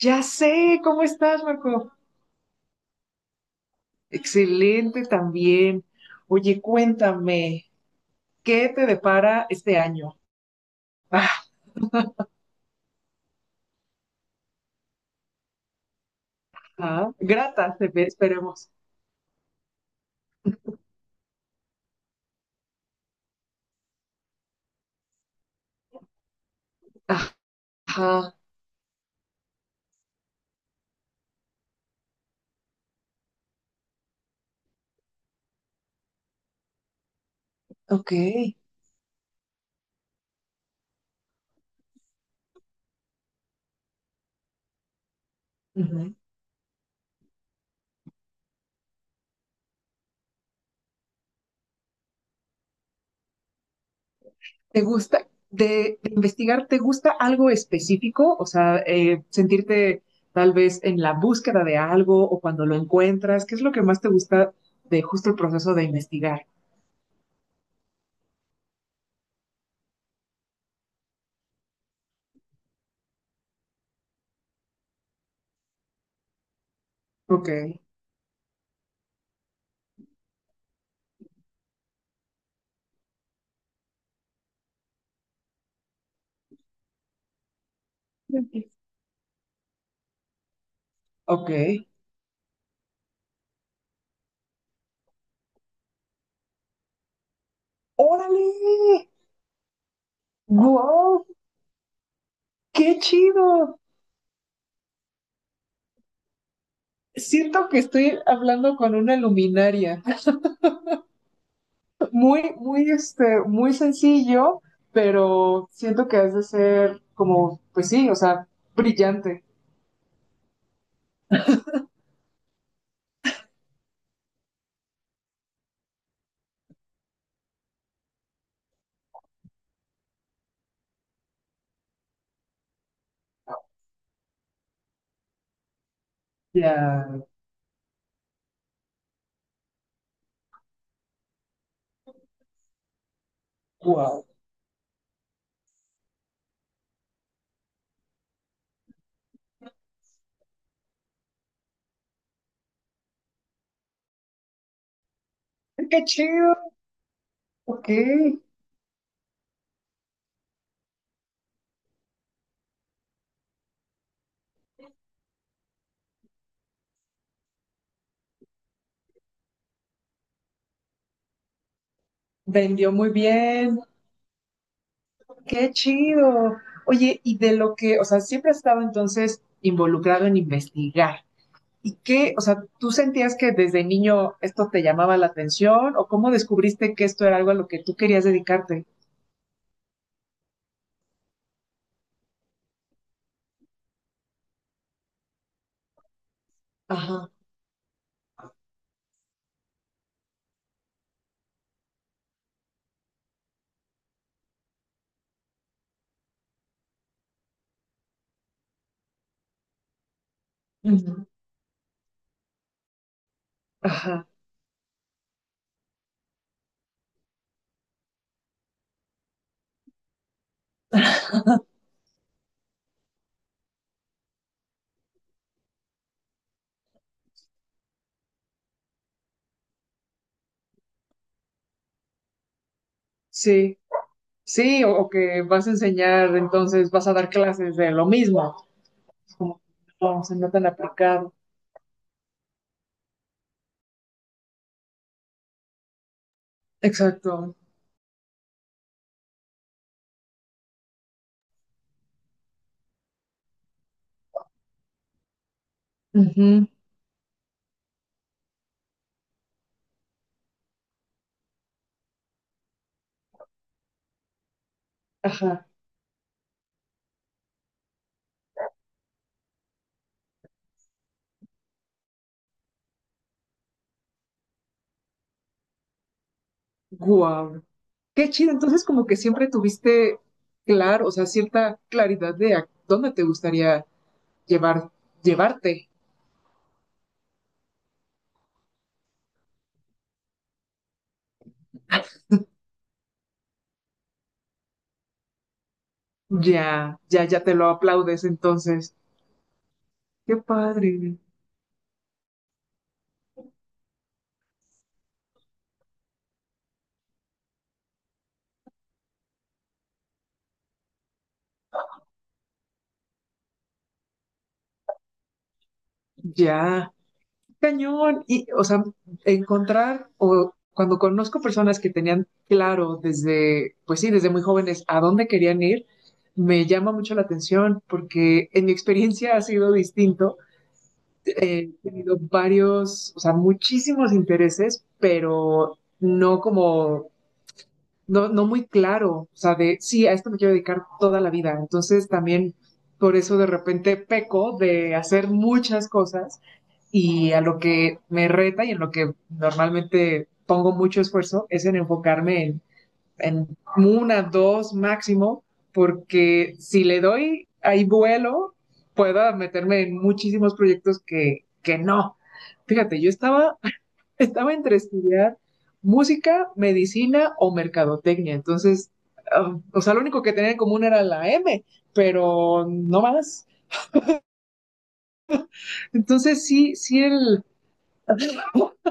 Ya sé, ¿cómo estás, Marco? Excelente también. Oye, cuéntame, ¿qué te depara este año? Ajá, grata, se ve, esperemos. Ajá, ok. Ujú. ¿Te gusta, de investigar, te gusta algo específico? O sea, sentirte tal vez en la búsqueda de algo o cuando lo encuentras, ¿qué es lo que más te gusta de justo el proceso de investigar? Ok. Ok. ¡Órale! Wow. ¡Qué chido! Siento que estoy hablando con una luminaria. Muy, muy, muy sencillo, pero siento que has de ser como, pues sí, o sea, brillante. Ya, wow. ¡Qué chido! Ok, vendió muy bien. ¡Qué chido! Oye, y de lo que, o sea, siempre has estado entonces involucrado en investigar. ¿Y qué, o sea, tú sentías que desde niño esto te llamaba la atención o cómo descubriste que esto era algo a lo que tú querías dedicarte? Ajá. Ujú. Ajá, sí, sí, o que vas a enseñar, entonces vas a dar clases de lo mismo, como no, se nota tan aplicado. Exacto. Ujú. Ajá, guau. Qué chido, entonces como que siempre tuviste claro, o sea, cierta claridad de a dónde te gustaría llevar, llevarte. Ya te lo aplaudes entonces. Qué padre. Ya, cañón. Y, o sea, encontrar o cuando conozco personas que tenían claro desde, pues sí, desde muy jóvenes a dónde querían ir, me llama mucho la atención porque en mi experiencia ha sido distinto. He tenido varios, o sea, muchísimos intereses, pero no como no, no muy claro, o sea, de sí, a esto me quiero dedicar toda la vida. Entonces también por eso de repente peco de hacer muchas cosas y a lo que me reta y en lo que normalmente pongo mucho esfuerzo es en enfocarme en una, dos máximo, porque si le doy ahí vuelo, puedo meterme en muchísimos proyectos que no. Fíjate, yo estaba estaba entre estudiar música, medicina o mercadotecnia. Entonces, o sea, lo único que tenía en común era la M, pero no más. Entonces, sí, sí, el…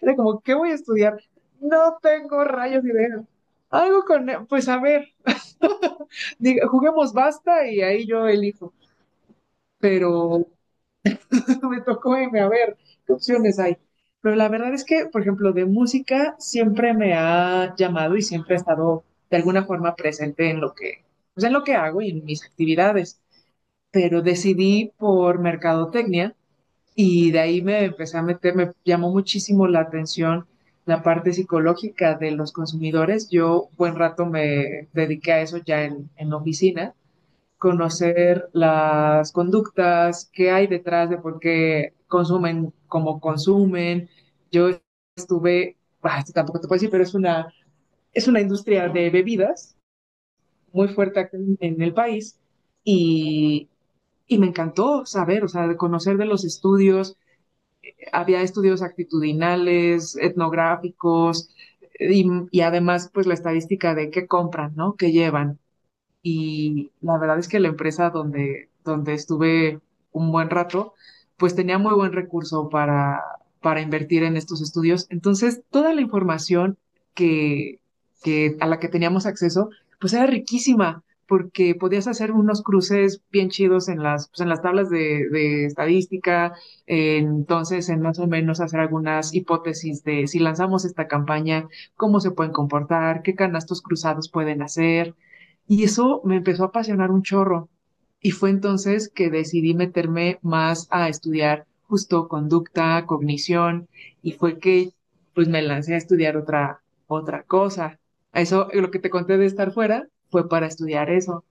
Era como, ¿qué voy a estudiar? No tengo rayos de idea. Algo con… E, pues a ver, diga, juguemos basta y ahí yo elijo. Pero me tocó irme a ver qué opciones hay. Pero la verdad es que, por ejemplo, de música siempre me ha llamado y siempre ha estado de alguna forma presente pues en lo que hago y en mis actividades. Pero decidí por mercadotecnia y de ahí me empecé a meter, me llamó muchísimo la atención la parte psicológica de los consumidores. Yo buen rato me dediqué a eso ya en oficina, conocer las conductas, qué hay detrás de por qué consumen como consumen. Yo estuve, bah, esto tampoco te puedo decir, pero es una industria de bebidas muy fuerte acá en el país y, y me encantó saber, o sea, de conocer de los estudios. Había estudios actitudinales, etnográficos y además pues la estadística de qué compran, ¿no? ¿Qué llevan? Y la verdad es que la empresa donde estuve un buen rato, pues tenía muy buen recurso para invertir en estos estudios. Entonces, toda la información que, que a la que teníamos acceso, pues era riquísima, porque podías hacer unos cruces bien chidos en las, pues, en las tablas de estadística, entonces en más o menos hacer algunas hipótesis de si lanzamos esta campaña, cómo se pueden comportar, qué canastos cruzados pueden hacer, y eso me empezó a apasionar un chorro. Y fue entonces que decidí meterme más a estudiar justo conducta, cognición, y fue que pues me lancé a estudiar otra, otra cosa. Eso, lo que te conté de estar fuera, fue para estudiar eso.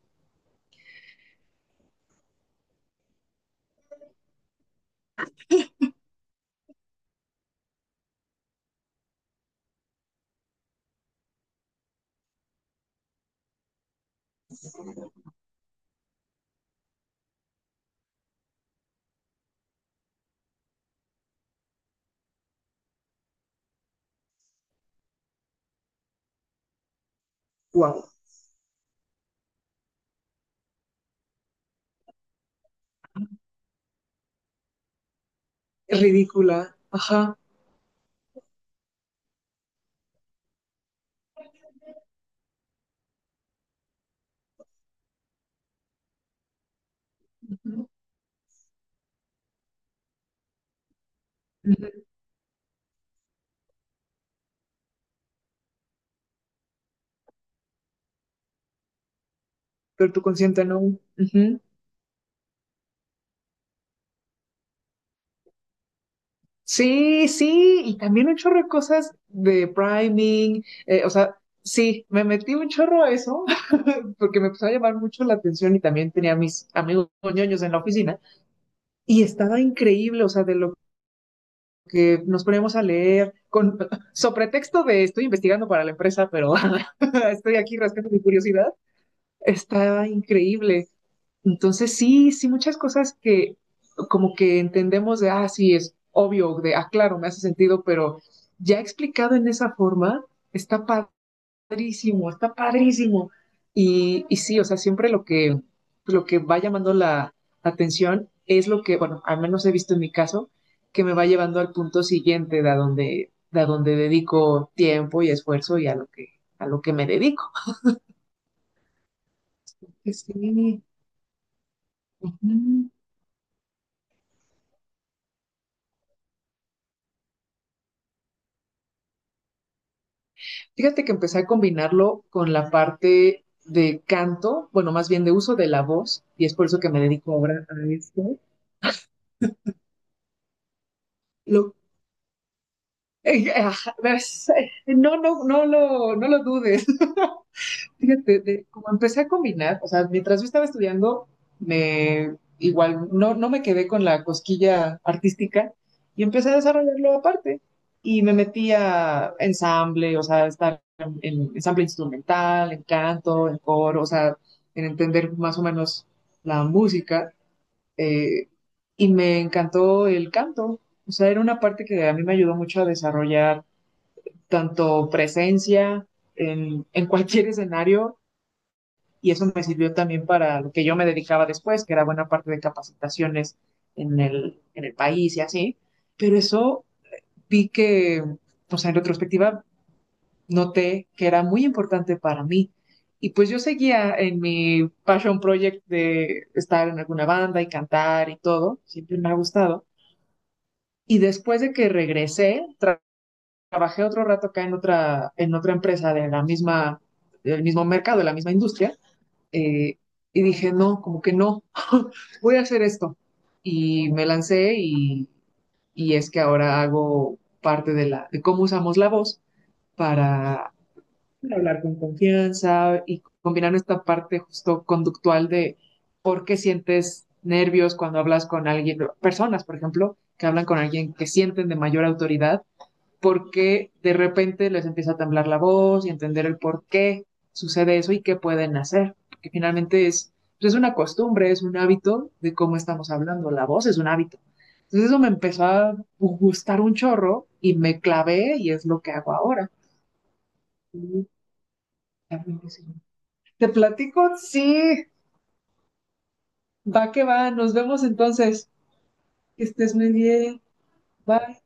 Wow, ridícula. Ajá. Ujú. Pero tu consciente no. Ujú. Sí, sí, y también un chorro de cosas de priming, o sea, sí, me metí un chorro a eso porque me empezó a llamar mucho la atención y también tenía a mis amigos ñoños en la oficina y estaba increíble, o sea, de lo que nos poníamos a leer con sobre texto de estoy investigando para la empresa, pero estoy aquí rascando mi curiosidad, estaba increíble. Entonces, sí, sí, muchas cosas que como que entendemos de, ah, sí, es obvio, de, ah, claro, me hace sentido, pero ya explicado en esa forma, está padrísimo, está padrísimo. Y sí, o sea, siempre lo que va llamando la atención es lo que, bueno, al menos he visto en mi caso, que me va llevando al punto siguiente de a donde dedico tiempo y esfuerzo y a lo que me dedico. Sí. Ujú. Fíjate que empecé a combinarlo con la parte de canto, bueno, más bien de uso de la voz, y es por eso que me dedico ahora a esto. Lo, ajá, ves, no, no, no lo dudes. Fíjate, de- como empecé a combinar, o sea, mientras yo estaba estudiando, me igual no, no me quedé con la cosquilla artística y empecé a desarrollarlo aparte. Y me metí a ensamble, o sea, estar en ensamble instrumental, en canto, en coro, o sea, en entender más o menos la música. eh, y me encantó el canto, o sea, era una parte que a mí me ayudó mucho a desarrollar tanto presencia en cualquier escenario y eso me sirvió también para lo que yo me dedicaba después, que era buena parte de capacitaciones en el país y así, pero eso vi que, o sea, en retrospectiva noté que era muy importante para mí. Y pues yo seguía en mi passion project de estar en alguna banda y cantar y todo, siempre me ha gustado. Y después de que regresé, trabajé otro rato acá en otra empresa de la misma, del mismo mercado, de la misma industria, eh, y dije, no, como que no, voy a hacer esto. Y me lancé y es que ahora hago parte de, la, de cómo usamos la voz para hablar con confianza y combinar esta parte justo conductual de por qué sientes nervios cuando hablas con alguien, personas, por ejemplo, que hablan con alguien que sienten de mayor autoridad, por qué de repente les empieza a temblar la voz y entender el por qué sucede eso y qué pueden hacer. Porque finalmente es, pues es una costumbre, es un hábito de cómo estamos hablando. La voz es un hábito. Entonces eso me empezó a gustar un chorro y me clavé y es lo que hago ahora. Te platico, sí, va que va, nos vemos entonces. Que estés muy bien, bye.